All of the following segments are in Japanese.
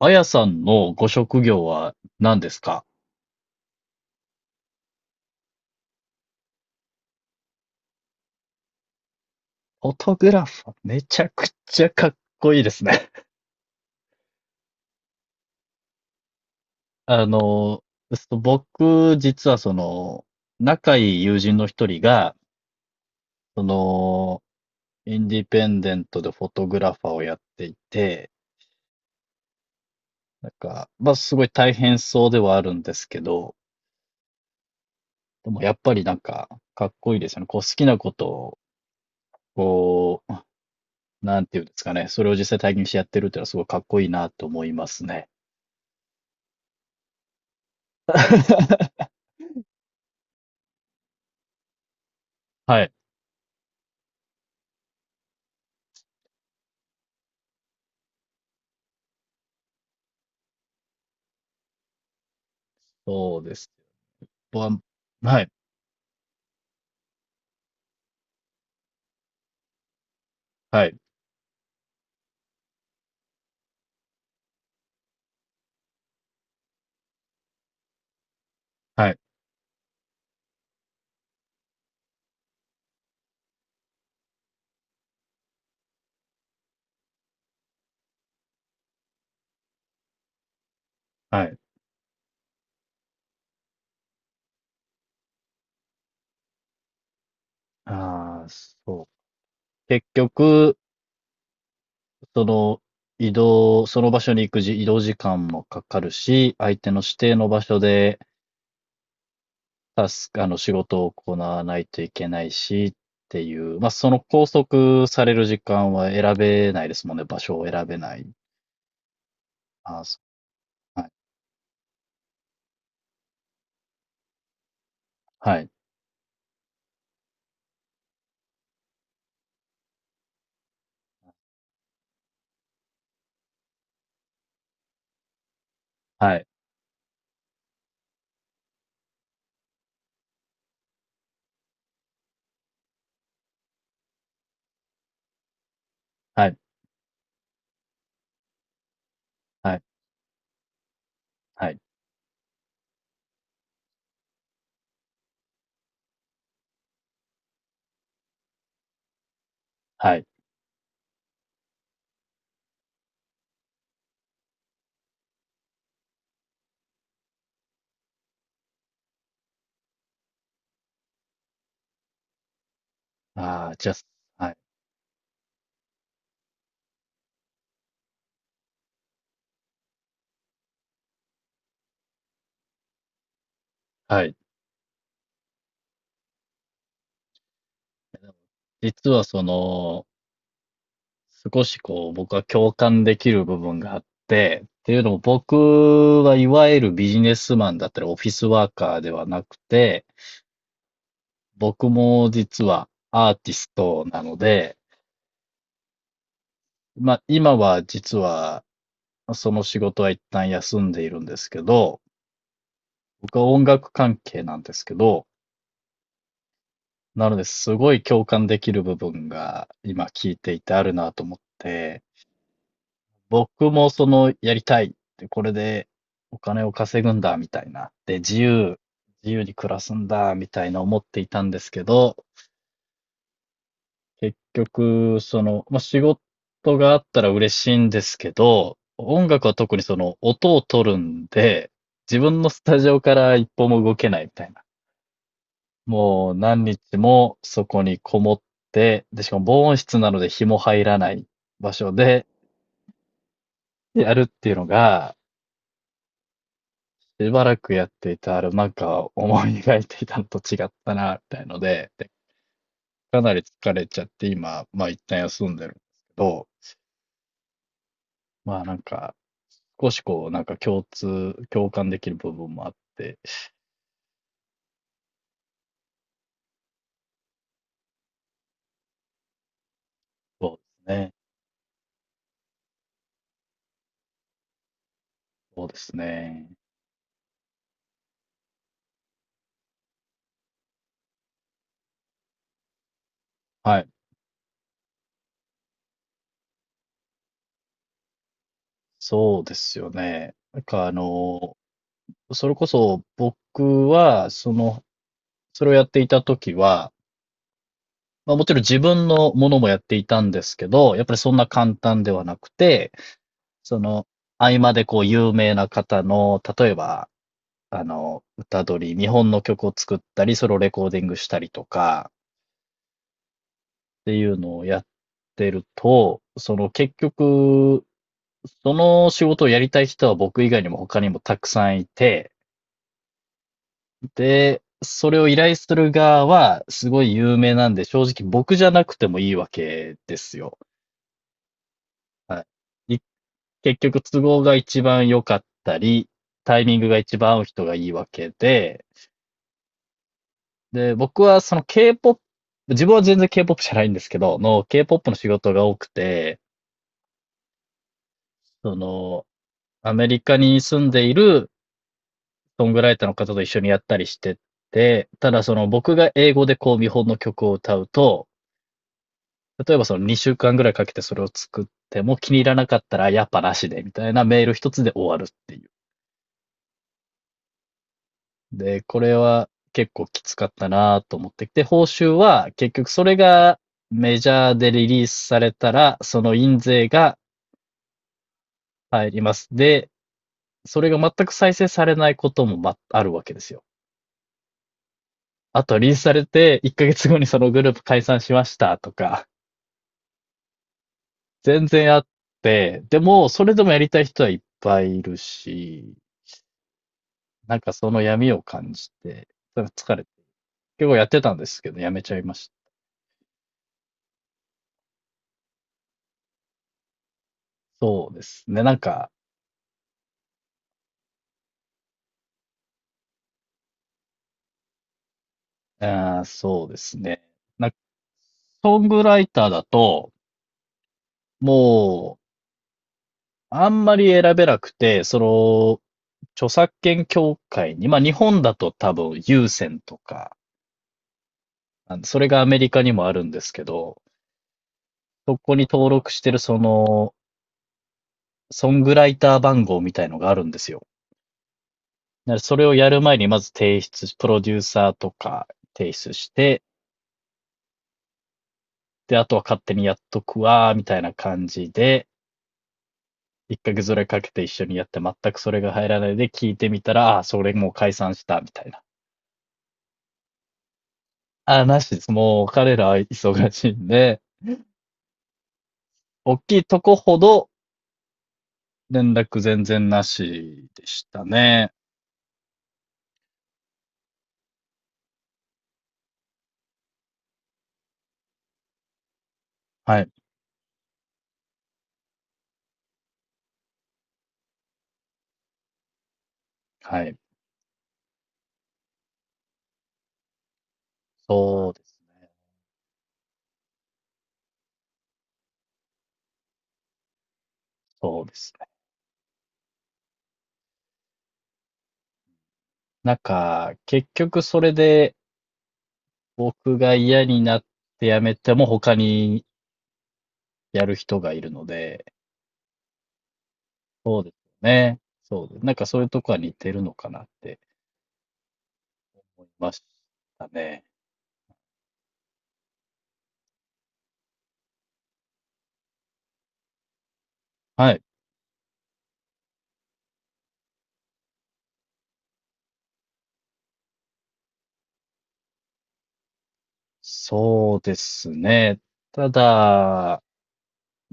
あやさんのご職業は何ですか？フォトグラファー。めちゃくちゃかっこいいですね。あの、僕、実は仲いい友人の一人が、その、インディペンデントでフォトグラファーをやっていて、すごい大変そうではあるんですけど、でもやっぱりかっこいいですよね。こう、好きなことを、こう、なんていうんですかね。それを実際体験してやってるっていうのはすごいかっこいいなと思いますね。はい。そうです。ぼんはい、はい、はい、はい。ああ、そう。結局、その、移動、その場所に行くじ、移動時間もかかるし、相手の指定の場所で、タスク、あの、仕事を行わないといけないし、っていう、まあ、その拘束される時間は選べないですもんね、場所を選べない。ああ、そう、はい、はい、はい、はい、はい、はい、はい。ああ、じゃあ、はい、はい。実はその少しこう、僕は共感できる部分があって、っていうのも僕はいわゆるビジネスマンだったりオフィスワーカーではなくて、僕も実はアーティストなので、まあ今は実はその仕事は一旦休んでいるんですけど、僕は音楽関係なんですけど、なのですごい共感できる部分が今聞いていてあるなと思って、僕もその、やりたいって、これでお金を稼ぐんだ、みたいな。で、自由、自由に暮らすんだ、みたいな思っていたんですけど、結局、仕事があったら嬉しいんですけど、音楽は特にその、音を取るんで、自分のスタジオから一歩も動けないみたいな。もう何日もそこにこもって、で、しかも防音室なので日も入らない場所でやるっていうのが、しばらくやっていたある、なんか思い描いていたのと違ったな、みたいので、で、かなり疲れちゃって今、まあ一旦休んでるんですけど、まあなんか、少しこう、なんか共通、共感できる部分もあって、そうですね。そうですね。はい。そうですよね。それこそ僕は、それをやっていた時は、まあもちろん自分のものもやっていたんですけど、やっぱりそんな簡単ではなくて、その、合間でこう有名な方の、例えば、歌取り、日本の曲を作ったり、ソロレコーディングしたりとか、っていうのをやってると、その結局、その仕事をやりたい人は僕以外にも他にもたくさんいて、で、それを依頼する側はすごい有名なんで、正直僕じゃなくてもいいわけですよ。はい、結局都合が一番良かったり、タイミングが一番合う人がいいわけで、で、僕はその K-POP、自分は全然 K-POP じゃないんですけど、の K-POP の仕事が多くて、その、アメリカに住んでいるソングライターの方と一緒にやったりしてて、ただその僕が英語でこう見本の曲を歌うと、例えばその2週間ぐらいかけてそれを作っても気に入らなかったらやっぱなしでみたいなメール一つで終わるっていう。で、これは結構きつかったなと思ってきて、報酬は結局それがメジャーでリリースされたら、その印税が入ります。で、それが全く再生されないこともあるわけですよ。あとはリリースされて、1ヶ月後にそのグループ解散しましたとか、全然あって、でも、それでもやりたい人はいっぱいいるし、なんかその闇を感じて、疲れて、結構やってたんですけど、やめちゃいました。そうですね。なんか、あそうですね。なんか、ソングライターだと、もう、あんまり選べなくて、著作権協会に、まあ日本だと多分有線とか、それがアメリカにもあるんですけど、そこに登録してるソングライター番号みたいのがあるんですよ。だからそれをやる前にまず提出プロデューサーとか提出して、で、あとは勝手にやっとくわ、みたいな感じで、一ヶ月ぐらいかけて一緒にやって全くそれが入らないで聞いてみたら、あそれもう解散した、みたいな。ああ、なしです。もう彼らは忙しいんで、大きいとこほど連絡全然なしでしたね。はい。はい。そうです。そうですね。なんか、結局それで僕が嫌になって辞めても他にやる人がいるので、そうですね。そうです。なんかそういうとこは似てるのかなって思いましたね。はい。そうですね。ただ、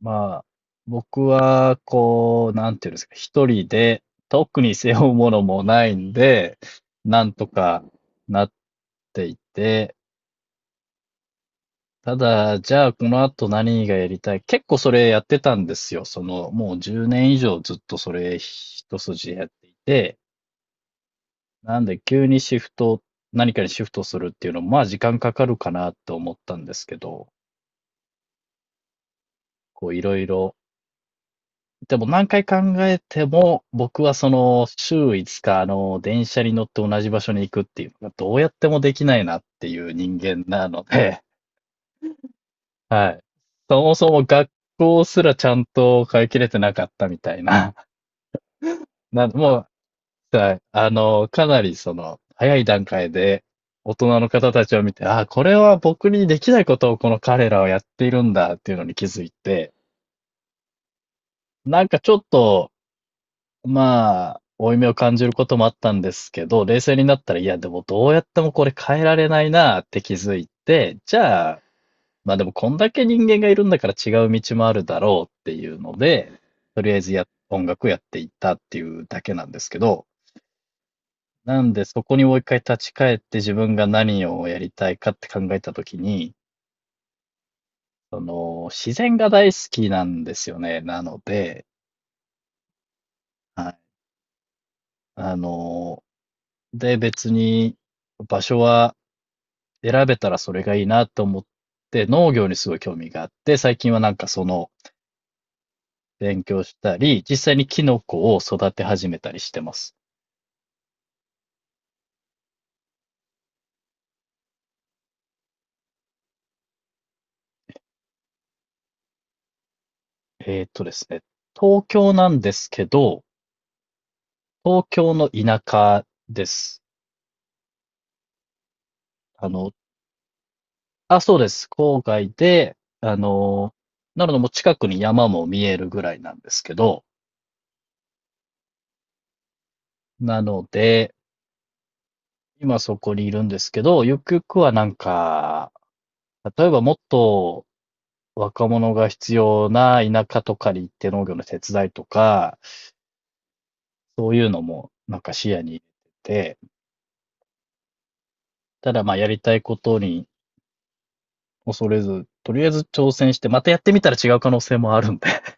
まあ、僕は、こう、なんていうんですか、一人で、特に背負うものもないんで、なんとかなっていて、ただ、じゃあこの後何がやりたい結構それやってたんですよ。その、もう10年以上ずっとそれ一筋やっていて、なんで急にシフト、何かにシフトするっていうのも、まあ時間かかるかなと思ったんですけど、こういろいろでも何回考えても、僕はその週5日、電車に乗って同じ場所に行くっていうのがどうやってもできないなっていう人間なので、はい。そもそも学校すらちゃんと通い切れてなかったみたいな。もう、はい。あの、かなりその、早い段階で大人の方たちを見て、ああ、これは僕にできないことをこの彼らはやっているんだっていうのに気づいて、なんかちょっと、まあ、負い目を感じることもあったんですけど、冷静になったら、いや、でもどうやってもこれ変えられないなって気づいて、じゃあ、まあでもこんだけ人間がいるんだから違う道もあるだろうっていうので、とりあえずや、音楽やっていったっていうだけなんですけど、なんでそこにもう一回立ち返って自分が何をやりたいかって考えたときに、その、自然が大好きなんですよね。なので、はい。あの、で、別に場所は選べたらそれがいいなと思って農業にすごい興味があって、最近はなんかその勉強したり、実際にキノコを育て始めたりしてます。ですね、東京なんですけど、東京の田舎です。あの、あ、そうです。郊外で、なのでもう近くに山も見えるぐらいなんですけど、なので、今そこにいるんですけど、ゆくゆくはなんか、例えばもっと若者が必要な田舎とかに行って農業の手伝いとか、そういうのもなんか視野に入れてて、ただまあやりたいことに恐れず、とりあえず挑戦して、またやってみたら違う可能性もあるんで。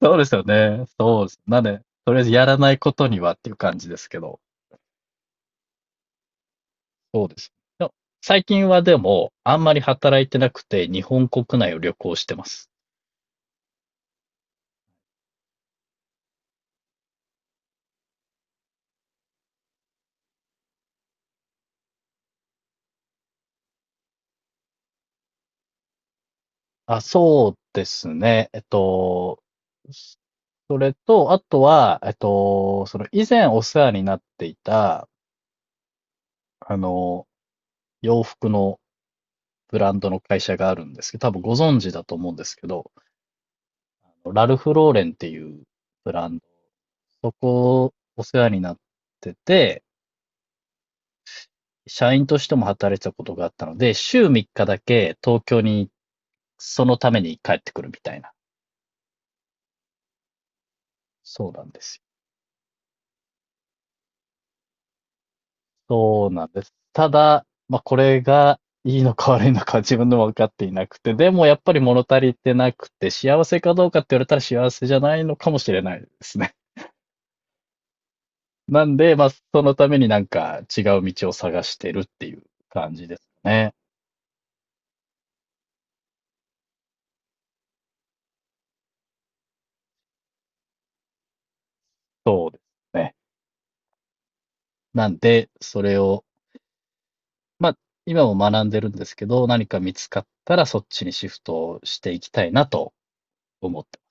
そうですよね。そうです。なんで、とりあえずやらないことにはっていう感じですけど、そうです。でも最近はでも、あんまり働いてなくて、日本国内を旅行してます。あ、そうですね。えっと、それと、あとは、えっと、その以前お世話になっていた、あの、洋服のブランドの会社があるんですけど、多分ご存知だと思うんですけど、あのラルフ・ローレンっていうブランド、そこお世話になってて、社員としても働いてたことがあったので、週3日だけ東京にそのために帰ってくるみたいな。そうなんですよ。そうなんです。ただ、まあ、これがいいのか悪いのかは自分でも分かっていなくて、でもやっぱり物足りてなくて、幸せかどうかって言われたら幸せじゃないのかもしれないですね。なんで、まあ、そのためになんか違う道を探してるっていう感じですね。そうですね。なんで、それを、まあ、今も学んでるんですけど、何か見つかったらそっちにシフトをしていきたいなと思って